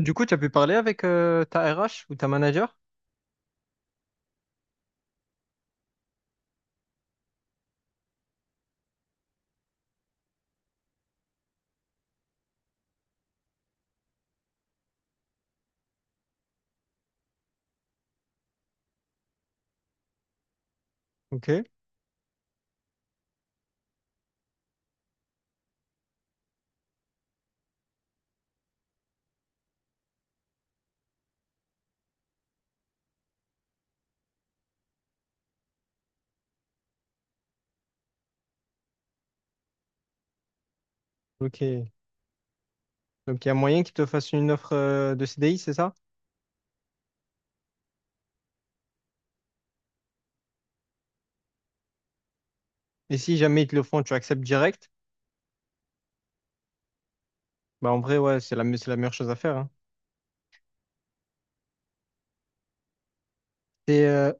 Du coup, tu as pu parler avec ta RH ou ta manager? Ok, ok. Donc, il y a moyen qu'ils te fassent une offre de CDI, c'est ça? Et si jamais ils te le font, tu acceptes direct? Bah, en vrai, ouais, c'est la meilleure chose à faire, hein. Et, euh,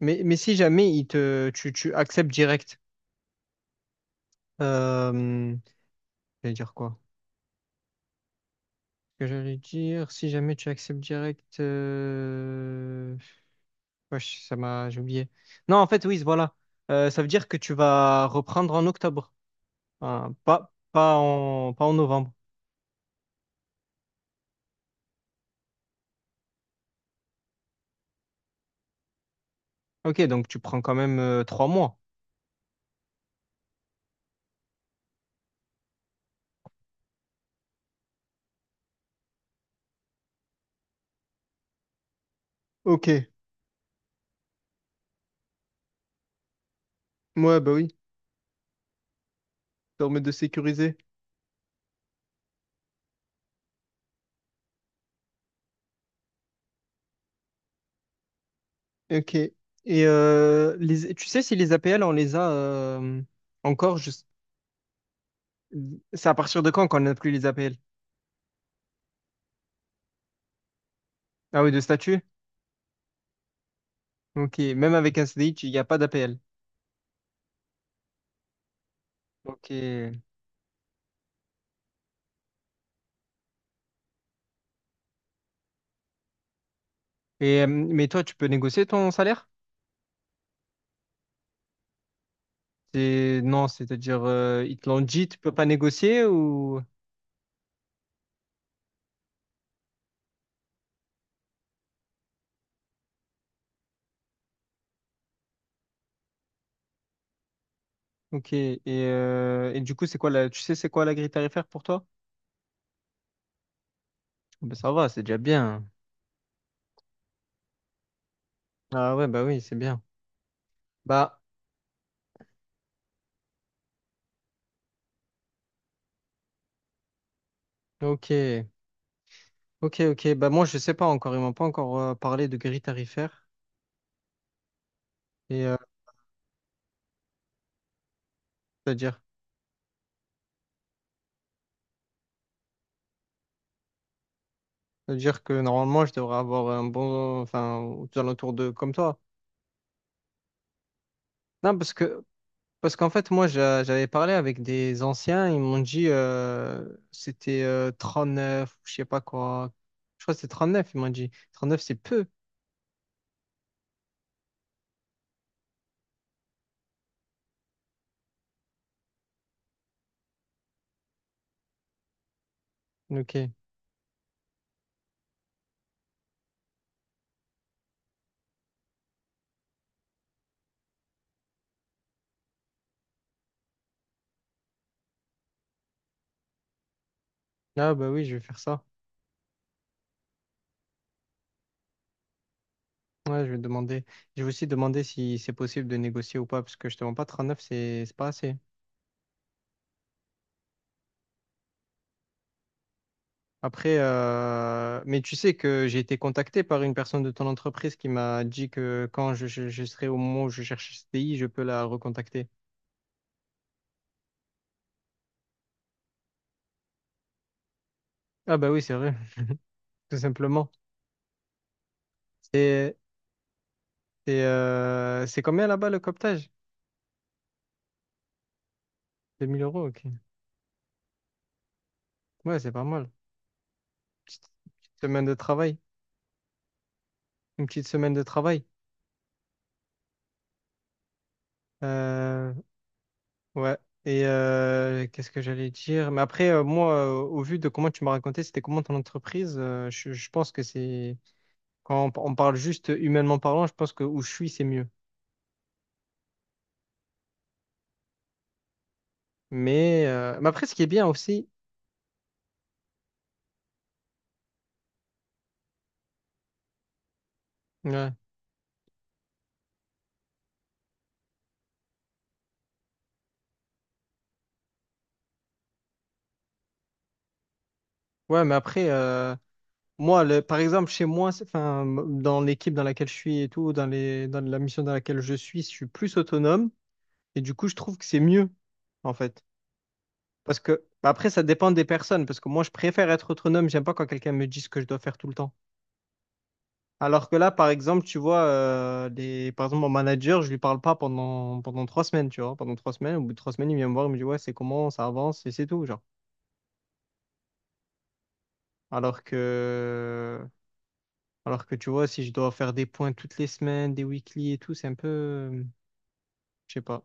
mais si jamais ils tu acceptes direct, euh, j'allais dire quoi? Ce que j'allais dire, si jamais tu acceptes direct, wesh, j'ai oublié. Non, en fait, oui, voilà. Ça veut dire que tu vas reprendre en octobre. Hein, pas en novembre. Ok, donc tu prends quand même 3 mois. Ok, moi, bah oui, ça permet de sécuriser. Ok. Et tu sais si les APL, on les a encore juste... C'est à partir de quand qu'on n'a plus les APL? Ah oui, de statut? Ok, même avec un CDI, il n'y a pas d'APL. Ok. Mais toi, tu peux négocier ton salaire? Non, c'est-à-dire, ils te l'ont dit, tu peux pas négocier ou... Ok, et du coup, c'est quoi la... Tu sais c'est quoi la grille tarifaire pour toi? Ben, ça va, c'est déjà bien. Ah ouais, bah oui, c'est bien. Bah, ok, ok, ok. Bah, moi, je sais pas encore. Ils m'ont pas encore parlé de grille tarifaire. Et euh, c'est-à-dire, c'est-à-dire que normalement, je devrais avoir un bon, enfin, aux alentours de comme toi. Non, parce qu'en fait, moi, j'avais parlé avec des anciens. Ils m'ont dit, c'était 39, je sais pas quoi. Je crois que c'est 39. Ils m'ont dit, 39, c'est peu. Ok. Ah, bah oui, je vais faire ça. Ouais, je vais demander. Je vais aussi demander si c'est possible de négocier ou pas, parce que je te mens pas, 39, c'est pas assez. Après, mais tu sais que j'ai été contacté par une personne de ton entreprise qui m'a dit que quand je serai au moment où je cherche ce pays, je peux la recontacter. Ah bah oui, c'est vrai. Tout simplement. et c'est combien là-bas le cooptage? Deux mille euros, ok. Ouais, c'est pas mal. Petite, petite semaine de travail. Une petite semaine de travail. Euh, ouais. Qu'est-ce que j'allais dire? Mais après, moi, au vu de comment tu m'as raconté, c'était comment ton entreprise, je pense que c'est... Quand on parle juste humainement parlant, je pense que où je suis, c'est mieux. Mais après, ce qui est bien aussi, ouais, ouais, mais après, moi, par exemple, chez moi, enfin, dans l'équipe dans laquelle je suis et tout, dans la mission dans laquelle je suis plus autonome et du coup, je trouve que c'est mieux, en fait. Parce que bah, après, ça dépend des personnes, parce que moi, je préfère être autonome, j'aime pas quand quelqu'un me dit ce que je dois faire tout le temps. Alors que là, par exemple, tu vois, par exemple, mon manager, je lui parle pas pendant 3 semaines, tu vois. Pendant trois semaines, au bout de 3 semaines, il vient me voir, il me dit, ouais, c'est comment, ça avance, et c'est tout, genre. Alors que, alors que, tu vois, si je dois faire des points toutes les semaines, des weekly et tout, c'est un peu, je sais pas.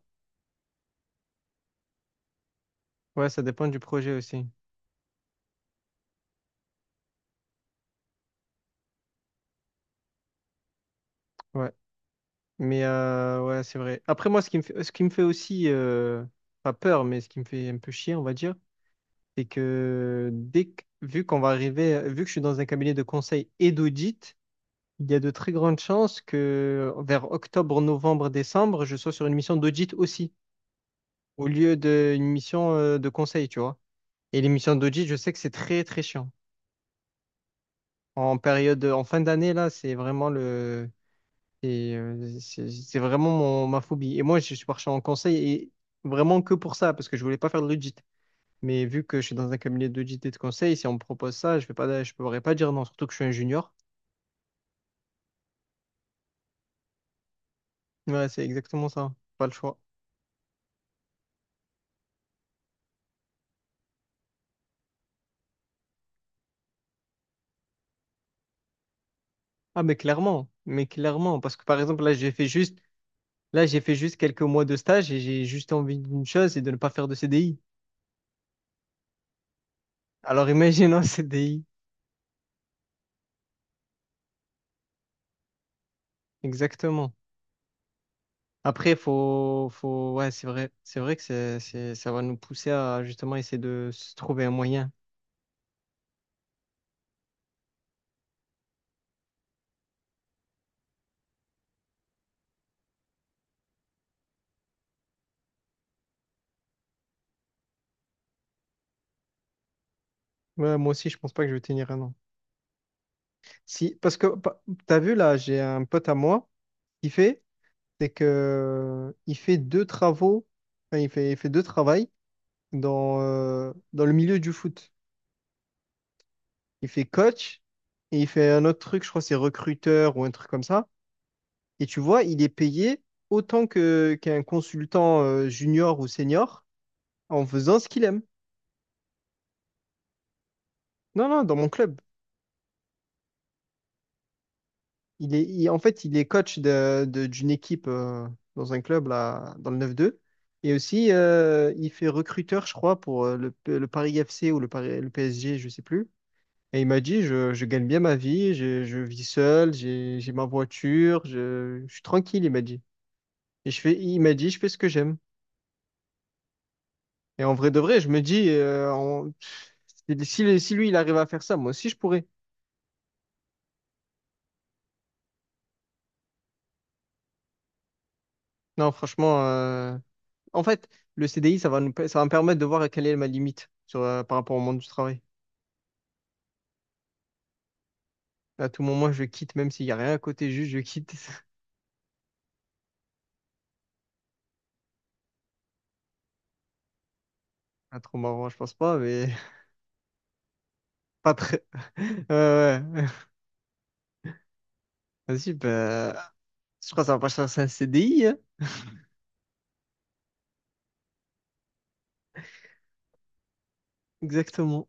Ouais, ça dépend du projet aussi. Ouais. Ouais, c'est vrai. Après, moi, ce qui me fait aussi, pas peur, mais ce qui me fait un peu chier, on va dire, c'est que vu qu'on va arriver, vu que je suis dans un cabinet de conseil et d'audit. Il y a de très grandes chances que vers octobre, novembre, décembre, je sois sur une mission d'audit aussi, au lieu d'une mission de conseil, tu vois. Et les missions d'audit, je sais que c'est très, très chiant. En période, en fin d'année, là, c'est vraiment le, c'est vraiment ma phobie. Et moi, je suis parti en conseil et vraiment que pour ça, parce que je voulais pas faire de l'audit. Mais vu que je suis dans un cabinet d'audit et de conseil, si on me propose ça, je pourrais pas dire non, surtout que je suis un junior. Ouais, c'est exactement ça. Pas le choix. Ah mais clairement, parce que par exemple là j'ai fait juste quelques mois de stage et j'ai juste envie d'une chose, c'est de ne pas faire de CDI. Alors imagine un CDI, exactement. Après ouais c'est vrai que ça va nous pousser à justement essayer de se trouver un moyen. Ouais, moi aussi je pense pas que je vais tenir un an. Si, parce que t'as vu là, j'ai un pote à moi qui fait, c'est que il fait deux travaux, enfin, il fait deux travails dans le milieu du foot. Il fait coach et il fait un autre truc, je crois que c'est recruteur ou un truc comme ça. Et tu vois, il est payé autant que qu'un consultant junior ou senior en faisant ce qu'il aime. Non, non, dans mon club. En fait, il est coach d'une équipe dans un club là, dans le 9-2. Et aussi, il fait recruteur, je crois, pour le Paris FC ou le PSG, je sais plus. Et il m'a dit, je gagne bien ma vie, je vis seul, j'ai ma voiture, je suis tranquille, il m'a dit. Il m'a dit, je fais ce que j'aime. Et en vrai de vrai, je me dis, si lui, il arrive à faire ça, moi aussi, je pourrais. Non, franchement, en fait, le CDI, ça va me permettre de voir quelle est ma limite par rapport au monde du travail. À tout moment, je quitte, même s'il n'y a rien à côté, juste je quitte. Pas trop marrant, je pense pas, mais pas très. Ouais, ouais. Vas-y, bah, je crois que ça va pas chercher un CDI. Exactement.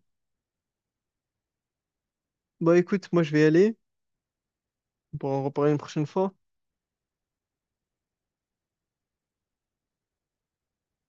Bah écoute, moi je vais y aller. On pourra en reparler une prochaine fois.